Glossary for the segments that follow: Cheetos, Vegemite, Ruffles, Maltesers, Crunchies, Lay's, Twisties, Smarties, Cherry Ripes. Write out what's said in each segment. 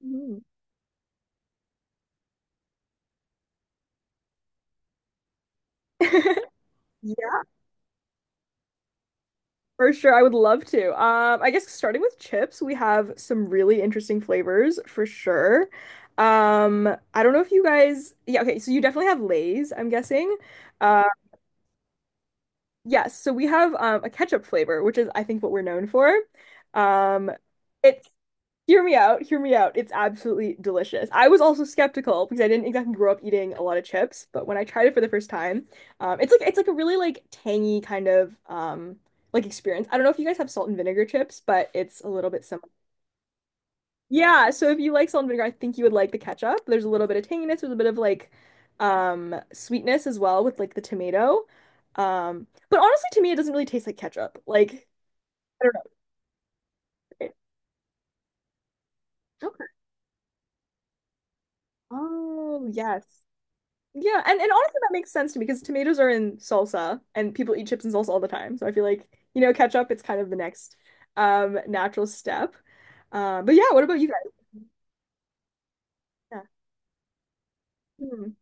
Mhm. Yeah, for sure. I would love to. I guess starting with chips, we have some really interesting flavors for sure. Um, I don't know if you guys, yeah, okay, so you definitely have Lay's, I'm guessing. Uh, yes, so we have a ketchup flavor, which is I think what we're known for. Um, it Hear me out, hear me out. It's absolutely delicious. I was also skeptical because I didn't exactly grow up eating a lot of chips, but when I tried it for the first time, it's like a really like tangy kind of like experience. I don't know if you guys have salt and vinegar chips, but it's a little bit similar. Yeah, so if you like salt and vinegar, I think you would like the ketchup. There's a little bit of tanginess, there's a bit of like sweetness as well with like the tomato. But honestly to me it doesn't really taste like ketchup. Like I don't know. It- Okay. Oh, yes. Yeah, and honestly, that makes sense to me because tomatoes are in salsa and people eat chips and salsa all the time. So I feel like, ketchup, it's kind of the next natural step. But yeah, what about you guys? Yeah. Hmm.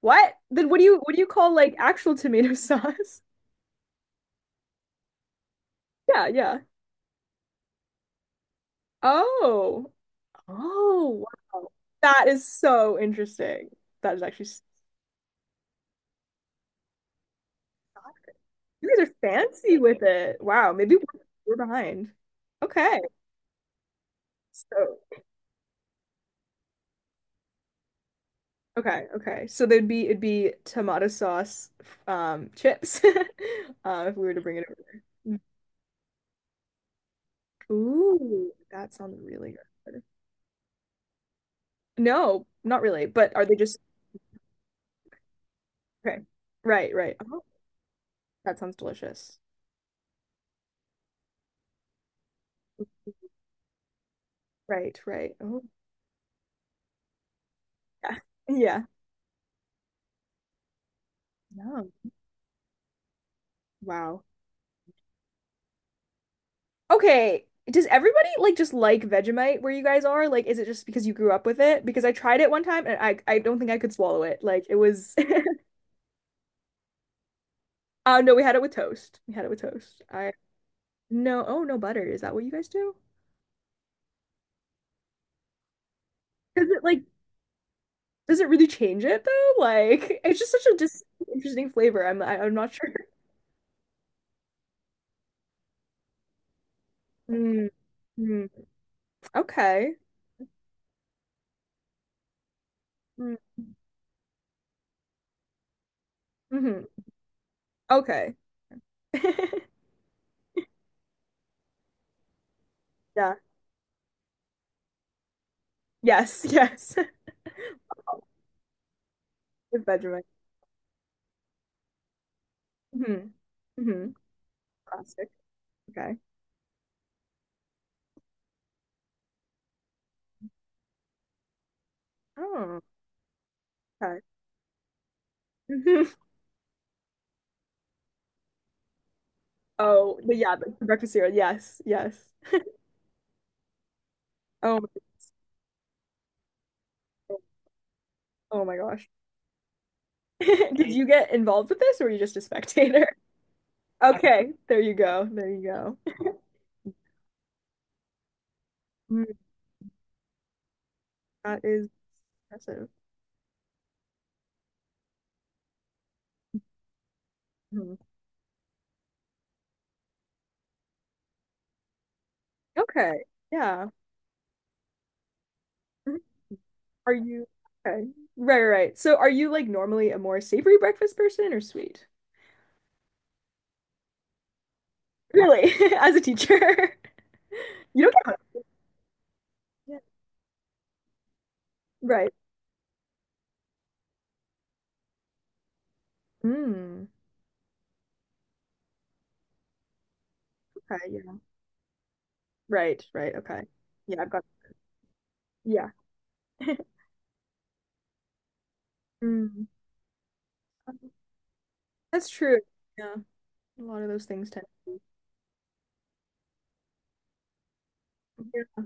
What? Then what do you call like actual tomato sauce? Yeah, yeah. Oh. Oh, wow. That is so interesting. That is actually s- you guys are fancy with it. Wow, maybe we're behind. Okay. So Okay, okay. So there'd be it'd be tomato sauce, chips, if we were to bring it over. Ooh, that sounds really good. No, not really. But are they just okay? Right, right. Oh, that sounds delicious. Right, right. Oh, yeah, yeah. No, wow. Okay. Does everybody like just like Vegemite where you guys are? Like, is it just because you grew up with it? Because I tried it one time and I don't think I could swallow it. Like, it was. No, we had it with toast. We had it with toast. I. No, oh no butter. Is that what you guys do? Does it like does it really change it though? Like it's just such a dis interesting flavor. I'm not sure. Mm, mm, okay. Mm, hmm. Okay. Yeah. Yes, yes. With Vegemite. Hmm. Hmm. Classic. Okay. Oh, okay. Hmm. Oh, but yeah, the breakfast cereal. Yes, yes. Oh, my- God. Oh my gosh. Did you get involved with this or were you just a spectator? Okay, there you go. There you go. That is impressive. Mhm. Okay. Yeah. Mhm. Are you okay? Right, right, right. So are you like normally a more savory breakfast person or sweet? Really, as a teacher. You don't get. Yeah. Right. Mm. Okay, yeah. Right, right. Okay. Yeah, I've got. Yeah. Mm. That's true. Yeah. A lot of those things tend to be. Yeah.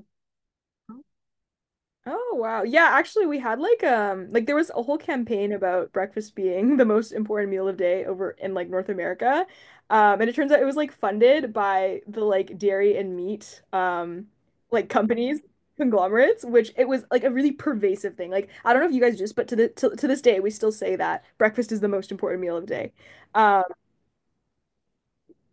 Oh wow. Yeah, actually we had like there was a whole campaign about breakfast being the most important meal of day over in like North America. And it turns out it was like funded by the like dairy and meat like companies, conglomerates, which it was like a really pervasive thing. Like I don't know if you guys just but to this day we still say that breakfast is the most important meal of day. Um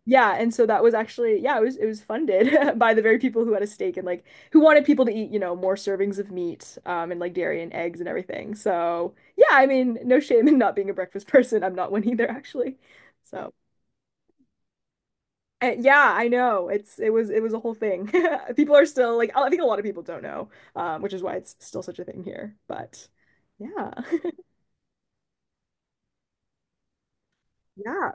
yeah, and so that was actually yeah, it was funded by the very people who had a stake and like who wanted people to eat, you know, more servings of meat and like dairy and eggs and everything. So, yeah, I mean, no shame in not being a breakfast person. I'm not one either actually. So, yeah, I know. It was a whole thing. People are still like I think a lot of people don't know, which is why it's still such a thing here. But yeah. Yeah,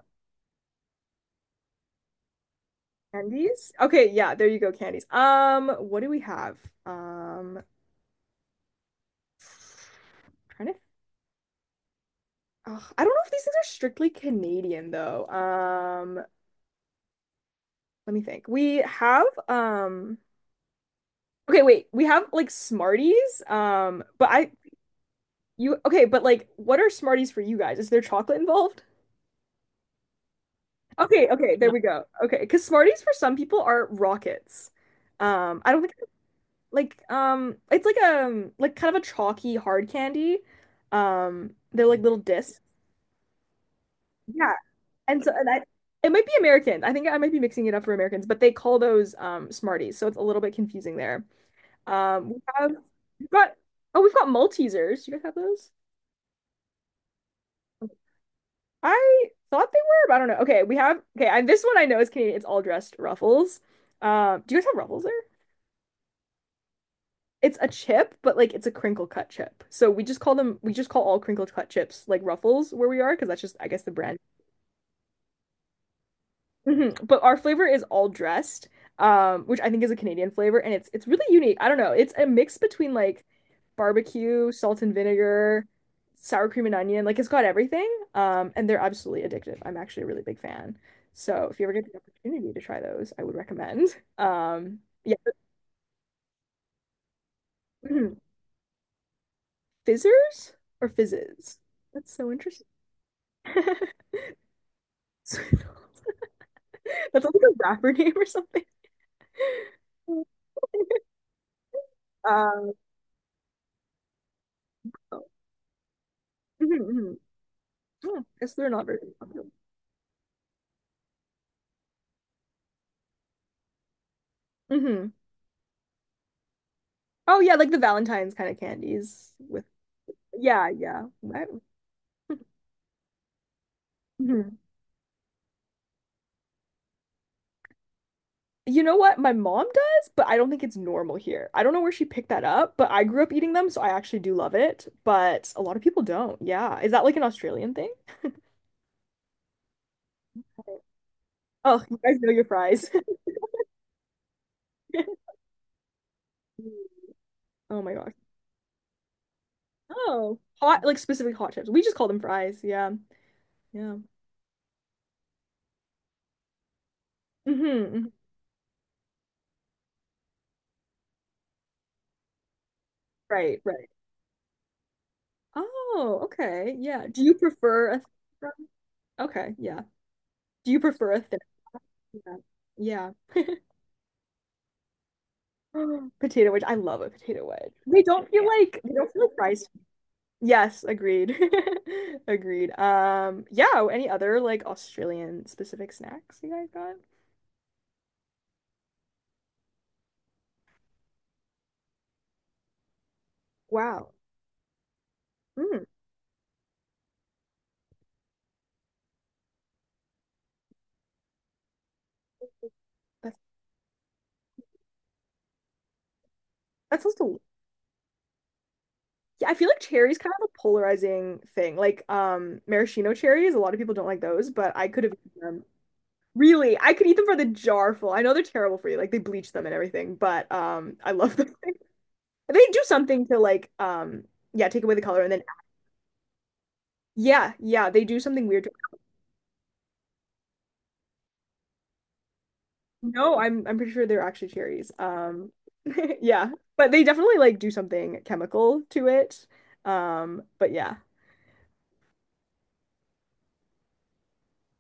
candies. Okay, yeah, there you go, candies. What do we have? Um, trying to Ugh, I don't know if these things are strictly Canadian though. Let me think. We have okay, wait. We have like Smarties. But I you okay, but like what are Smarties for you guys? Is there chocolate involved? Okay, okay, there we go. Okay, because Smarties for some people are rockets. I don't think it's like a like kind of a chalky hard candy. They're like little discs. Yeah, And so and I, it might be American. I think I might be mixing it up for Americans, but they call those Smarties, so it's a little bit confusing there. We have we've got oh, we've got Maltesers. You guys have those? I thought they were, but I don't know. Okay, we have okay. This one I know is Canadian. It's all dressed Ruffles. Do you guys have Ruffles there? It's a chip, but like it's a crinkle cut chip. So we just call them. We just call all crinkle cut chips like Ruffles where we are, because that's just I guess the brand. Hmm. But our flavor is all dressed, which I think is a Canadian flavor, and it's really unique. I don't know. It's a mix between like barbecue, salt and vinegar, sour cream and onion. Like it's got everything. And they're absolutely addictive. I'm actually a really big fan. So if you ever get the opportunity to try those, I would recommend. Yeah. Mhm. Fizzers or fizzes? That's so interesting. So- That's like a rapper name or something. Um, Hmm, guess they're not very popular. Hmm. Oh yeah, like the Valentine's kind of candies with yeah, yeah. I- Mhm. You know what my mom does, but I don't think it's normal here. I don't know where she picked that up, but I grew up eating them, so I actually do love it. But a lot of people don't. Yeah. Is that like an Australian thing? Oh, you guys know your fries. Oh my gosh. Oh, hot, like specific hot chips. We just call them fries. Yeah. Yeah. Hmm. Right, right. Oh, okay. Yeah. Do you prefer a Okay, yeah. Do you prefer a thin? Yeah. Yeah. Potato wedge. I love a potato wedge. They don't feel like fries. Yes, agreed. Agreed. Yeah, any other like Australian specific snacks you guys got? Wow. Mm, that's that sounds delicious. Yeah, I feel like cherries kind of a polarizing thing. Like maraschino cherries, a lot of people don't like those, but I could have eaten them. Really, I could eat them for the jar full. I know they're terrible for you, like they bleach them and everything, but I love them. They do something to like yeah, take away the color and then yeah, yeah, they do something weird to. No, I'm pretty sure they're actually cherries. Yeah. But they definitely like do something chemical to it. But yeah.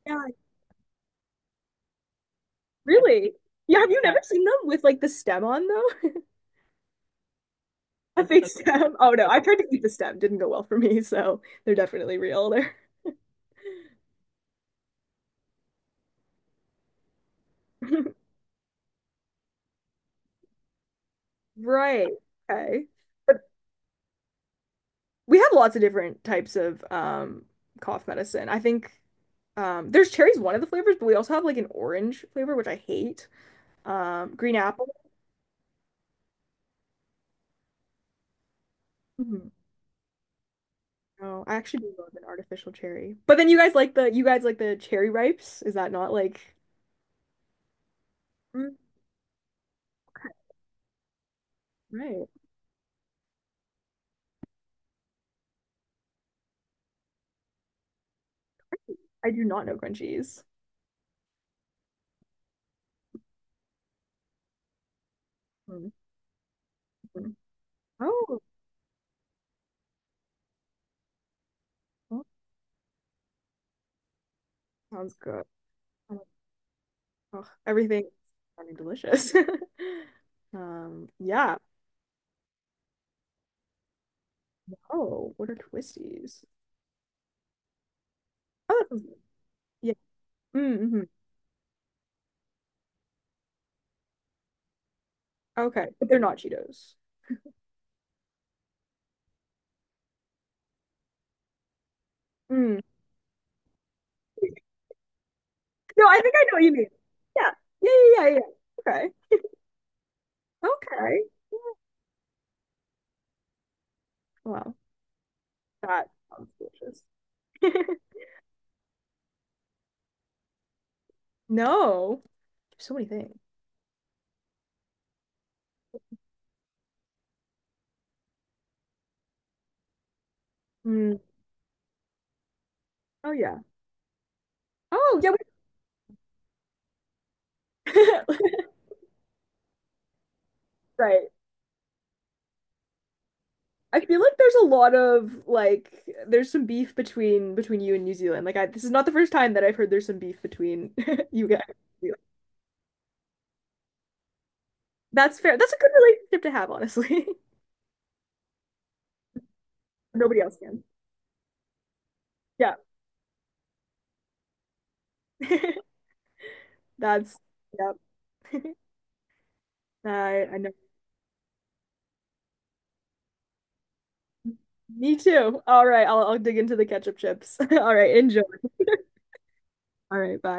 Yeah, really? Yeah, have you never seen them with like the stem on though? A fake stem? Oh no, I tried to eat the stem, didn't go well for me, so they're definitely real. They're right. Okay. We have lots of different types of cough medicine. I think there's cherry's one of the flavors, but we also have like an orange flavor, which I hate. Green apple. Mhm. No, I actually do love an artificial cherry. But then you guys like the cherry ripes? Is that not like. Mm, okay, right. I do not know crunchies. Mm, mm. Oh, well, sounds good. Oh, ugh, everything sounding delicious. Yeah. Oh, what are twisties? Oh, that sounds good. Yeah. Mm-hmm. Okay, but they're not Cheetos. Mm. No, I think I know what you mean. Yeah. Yeah, yeah, Okay. Okay. Wow. That sounds delicious. No. There's so many things. Mm. Oh yeah. Oh yeah. We- Right. I feel like there's a lot of like there's some beef between you and New Zealand. This is not the first time that I've heard there's some beef between you guys. That's fair. That's a good relationship to have, honestly. Nobody else can. Yeah. That's yeah. I know. Me too. All right, I'll dig into the ketchup chips. All right, enjoy. All right, bye.